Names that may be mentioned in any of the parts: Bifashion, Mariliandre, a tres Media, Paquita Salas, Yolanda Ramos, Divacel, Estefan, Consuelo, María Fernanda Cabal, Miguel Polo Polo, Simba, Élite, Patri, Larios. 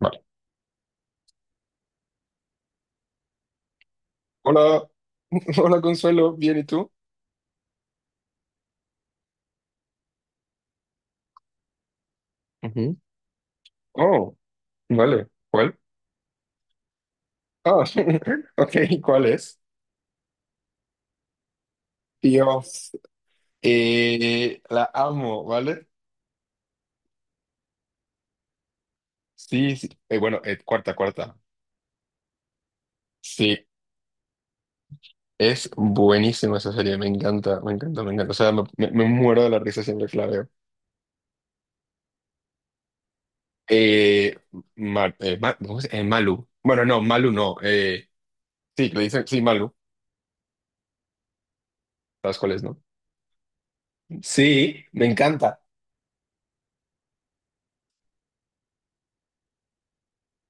Vale. Hola, hola Consuelo, ¿bien y tú? Ujú. Oh, vale, ¿cuál? Ah, ok, ¿cuál es? Dios, la amo, ¿vale? Sí, sí. Bueno, cuarta, cuarta. Sí, es buenísima esa serie, me encanta, me encanta, me encanta. O sea, me muero de la risa siempre que la veo. Eh, Malu. Bueno, no, Malu no. Sí, le dicen, sí, Malu. ¿Sabes cuál es, no? Sí, me encanta.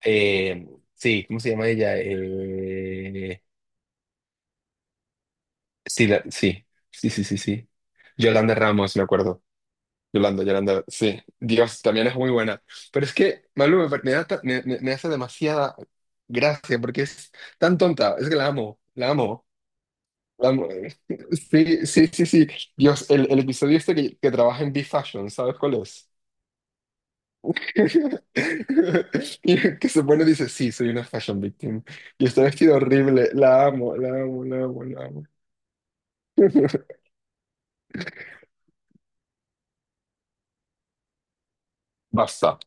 Eh, sí, ¿cómo se llama ella? Sí, sí, sí, sí, sí, sí. Yolanda Ramos, me acuerdo. Yolanda, Yolanda, sí. Dios, también es muy buena. Pero es que, Malú, me da ta- me- me- me hace demasiada gracia porque es tan tonta. Es que la amo, la amo, la amo. Sí, sí, sí, sí. Dios, el episodio este que trabaja en B-Fashion, ¿sabes cuál es? Y el que se pone dice, sí, soy una fashion victim. Y está vestido horrible. La amo, la amo, la amo, la amo. Basta.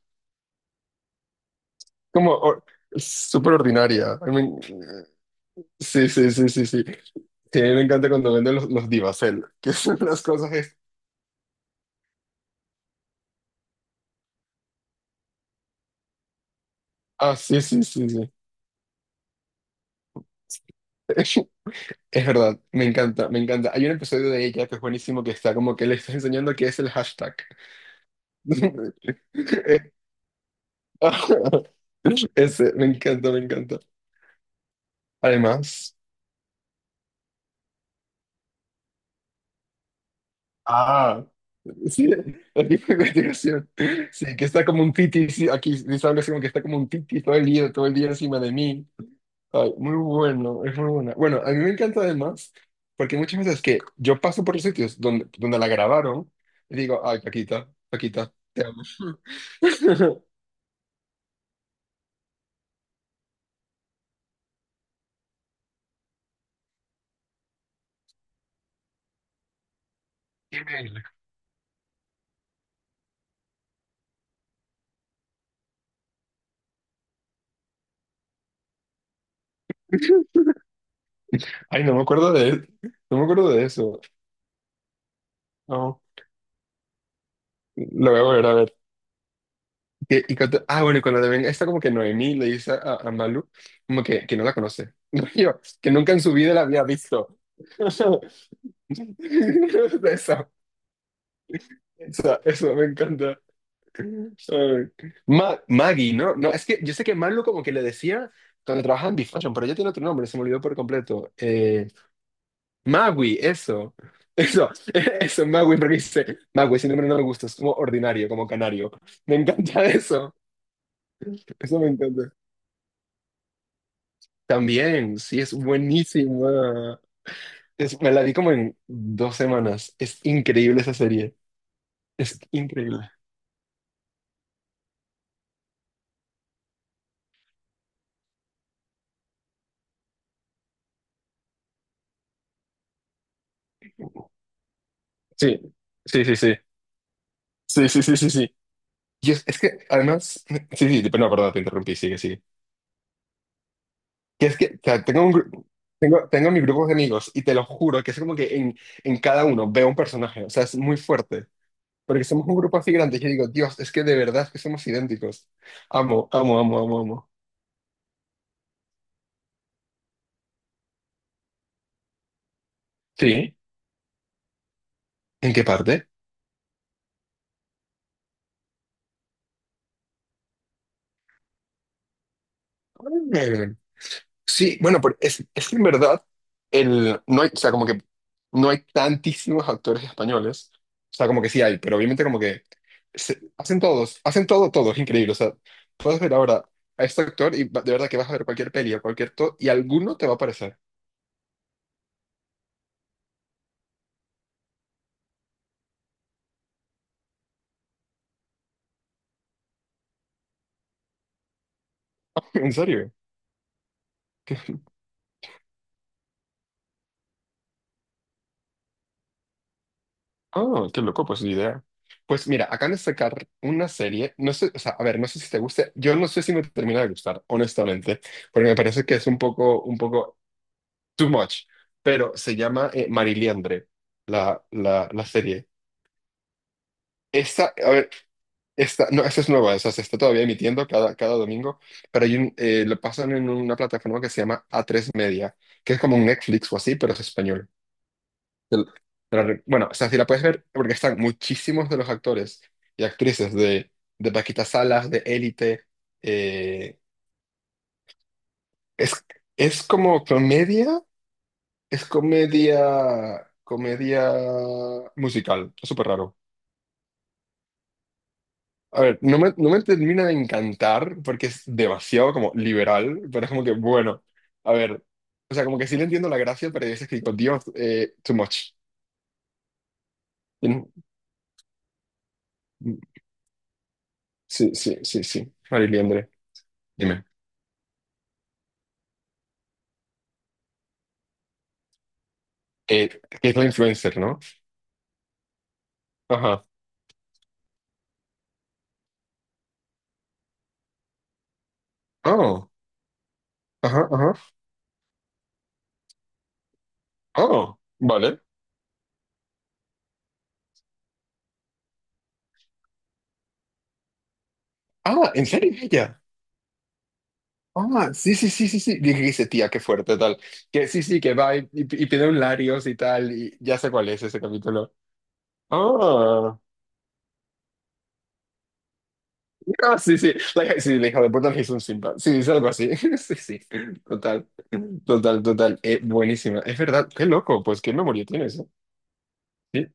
Como or- Súper ordinaria. I mean, sí, sí, sí, sí, sí. Sí, a mí me encanta cuando venden los Divacel, que son las cosas. Ah, sí, sí, sí, sí. Es verdad, me encanta, me encanta. Hay un episodio de ella que es buenísimo, que está como que le está enseñando qué es el hashtag. Ese, me encanta, me encanta. Además, ah, sí, aquí fue investigación. Sí, que está como un titi, sí, aquí dice algo así como que está como un titi todo el día encima de mí. Ay, muy bueno, es muy buena. Bueno, a mí me encanta además, porque muchas veces que yo paso por los sitios donde la grabaron y digo, ay, Paquita, Paquita, te amo. Email. Ay, no me acuerdo de eso. No, lo voy a volver a ver. Y cuando también está como que Noemí le dice a Malu como que no la conoce. Yo, que nunca en su vida la había visto. Eso, eso me encanta. Ay. Maggie, ¿no? No, es que yo sé que Malu como que le decía cuando trabajaba en Bifashion, pero ya tiene otro nombre, se me olvidó por completo. Magui, eso. Eso, eso, Magui, porque dice, Magui, ese nombre no me gusta, es como ordinario, como canario. Me encanta eso. Eso me encanta. También, sí, es buenísima. Me la vi como en 2 semanas. Es increíble esa serie. Es increíble. Sí, sí, sí, sí. Sí, sí, sí, sí, sí. Y es que además, sí, sí, pero no, perdón, te interrumpí, sigue, sigue. Que es que, o sea, tengo mi grupo de amigos y te lo juro que es como que en cada uno veo un personaje, o sea, es muy fuerte. Porque somos un grupo así grande y yo digo, Dios, es que de verdad es que somos idénticos. Amo, amo, amo, amo, amo. Sí. ¿En qué parte? Sí, bueno, pero es que en verdad, no hay, o sea, como que no hay tantísimos actores españoles. O sea, como que sí hay, pero obviamente como que hacen todo, todo, es increíble. O sea, puedes ver ahora a este actor y de verdad que vas a ver cualquier peli o cualquier todo y alguno te va a aparecer. ¿En serio? ¿Qué? Oh, qué loco, pues ni idea. Pues mira, acaban de sacar una serie, no sé, o sea, a ver, no sé si te guste, yo no sé si me termina de gustar, honestamente, porque me parece que es un poco too much, pero se llama Mariliandre, la serie. Esta, a ver, esta, no, esta es nueva, o sea, se está todavía emitiendo cada domingo, pero lo pasan en una plataforma que se llama a tres Media, que es como un Netflix o así, pero es español. Te la- Bueno, o sea, si la puedes ver, porque están muchísimos de los actores y actrices de, Paquita Salas, de Élite, eh, es, es como comedia. Es comedia, comedia musical, es súper raro. A ver, no me termina de encantar porque es demasiado como liberal, pero es como que, bueno, a ver, o sea, como que sí le entiendo la gracia, pero es que digo, Dios, too much. Mm, sí, sí, sí, sí. María, dime. Eh, que es la influencer, ¿no? Ajá. Oh, ajá, ajá. Oh, vale. Ah, ¿en serio es ella? Ah, sí, sí, sí, sí, sí. Dije, dice, tía, qué fuerte, tal. Que sí, sí, que va y, y pide un Larios y tal. Y ya sé cuál es ese capítulo. Ah, ah, sí, sí. Sí, la hija de puta le hizo un Simba. Sí, es algo así. Sí, sí. Total. Total, total. Buenísima. Es verdad. Qué loco. ¿Pues qué memoria tienes, eh? Sí.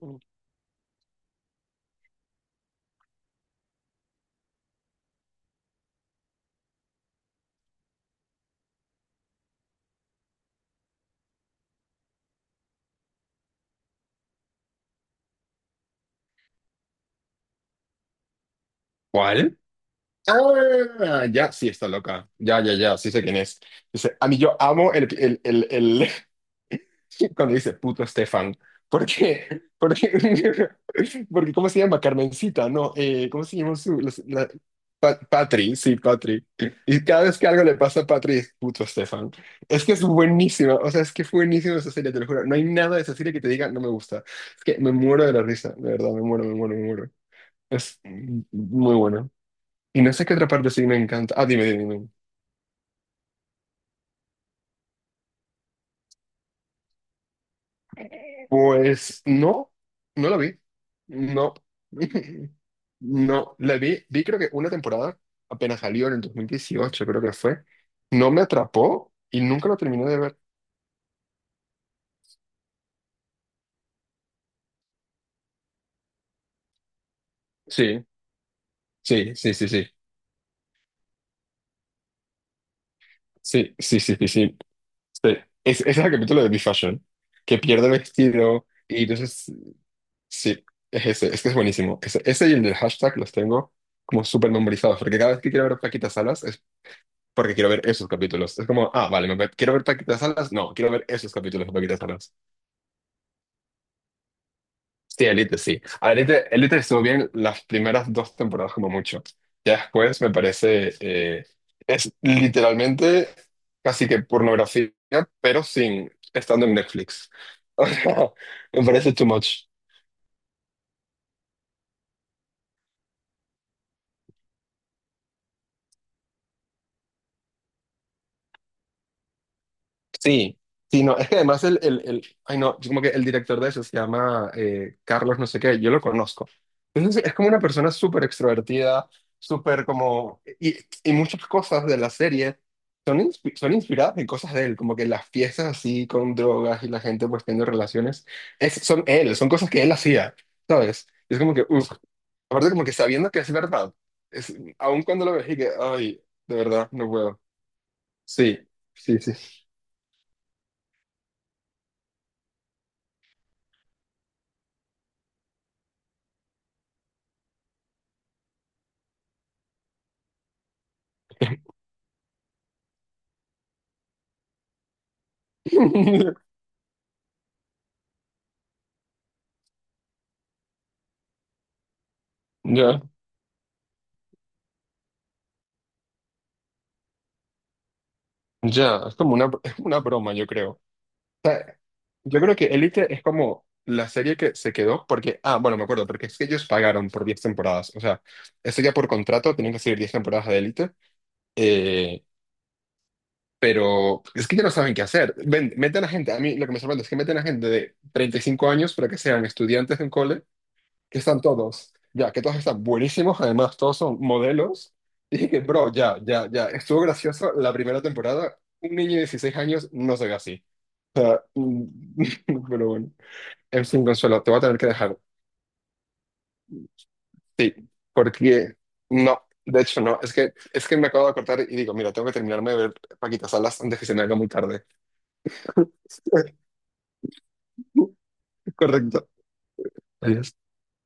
¿Cuál? Ah, ya, sí, está loca. Ya, ya, ya. Sí sé quién es. Dice, a mí yo amo cuando dice puto Estefan, porque, porque, ¿cómo se llama? Carmencita, no. ¿Cómo se llama su, Patri, sí, Patri? Y cada vez que algo le pasa a Patri es puto Estefan. Es que es buenísima, o sea, es que fue buenísima esa serie, te lo juro. No hay nada de esa serie que te diga no me gusta. Es que me muero de la risa, de verdad, me muero, me muero, me muero. Es muy bueno. Y no sé qué otra parte sí me encanta. Ah, dime, dime. Pues no, no la vi. No. No, la vi creo que una temporada, apenas salió en el 2018, creo que fue. No me atrapó y nunca lo terminé de ver. Sí, sí, sí, sí, sí. Sí, sí, sí, sí, sí. Sí. Ese es el capítulo de Be Fashion, que pierde el vestido y entonces, sí, es ese, es que es buenísimo. Ese y el del hashtag los tengo como súper memorizados, porque cada vez que quiero ver a Paquita Salas, porque quiero ver esos capítulos. Es como, ah, vale, me quiero ver Paquita Salas. No, quiero ver esos capítulos de Paquita Salas. Sí, Elite, sí. Elite estuvo bien las primeras dos temporadas como mucho. Ya después me parece, es literalmente casi que pornografía, pero sin estando en Netflix. O sea, me parece too much. Sí, sí, no, es que además ay no, yo como que el director de eso se llama Carlos no sé qué, yo lo conozco. Entonces es como una persona súper extrovertida, súper como, y muchas cosas de la serie son inspiradas en cosas de él, como que las fiestas así con drogas y la gente pues teniendo relaciones, son él, son cosas que él hacía, ¿sabes? Es como que, uff, aparte como que sabiendo que es verdad, aun cuando lo ves y que, ay, de verdad, no puedo. Sí, sí, sí. Ya, ya, es como una, broma, yo creo. O sea, yo creo que Elite es como la serie que se quedó porque, ah, bueno, me acuerdo, porque es que ellos pagaron por 10 temporadas. O sea, eso ya por contrato tienen que seguir 10 temporadas de Elite. eh, pero es que ya no saben qué hacer. Ven, meten a gente, a mí lo que me sorprende es que meten a gente de 35 años para que sean estudiantes de un cole, que están todos, ya, que todos están buenísimos, además todos son modelos. Y dije que, bro, ya, ya, ya, estuvo gracioso la primera temporada. Un niño de 16 años no se ve así. Mm, Pero bueno, en fin, Consuelo, te voy a tener que dejar. Sí, porque no, de hecho no, es que, me acabo de cortar y digo, mira, tengo que terminarme de ver Paquita Salas antes que se me haga muy tarde. Correcto. Adiós.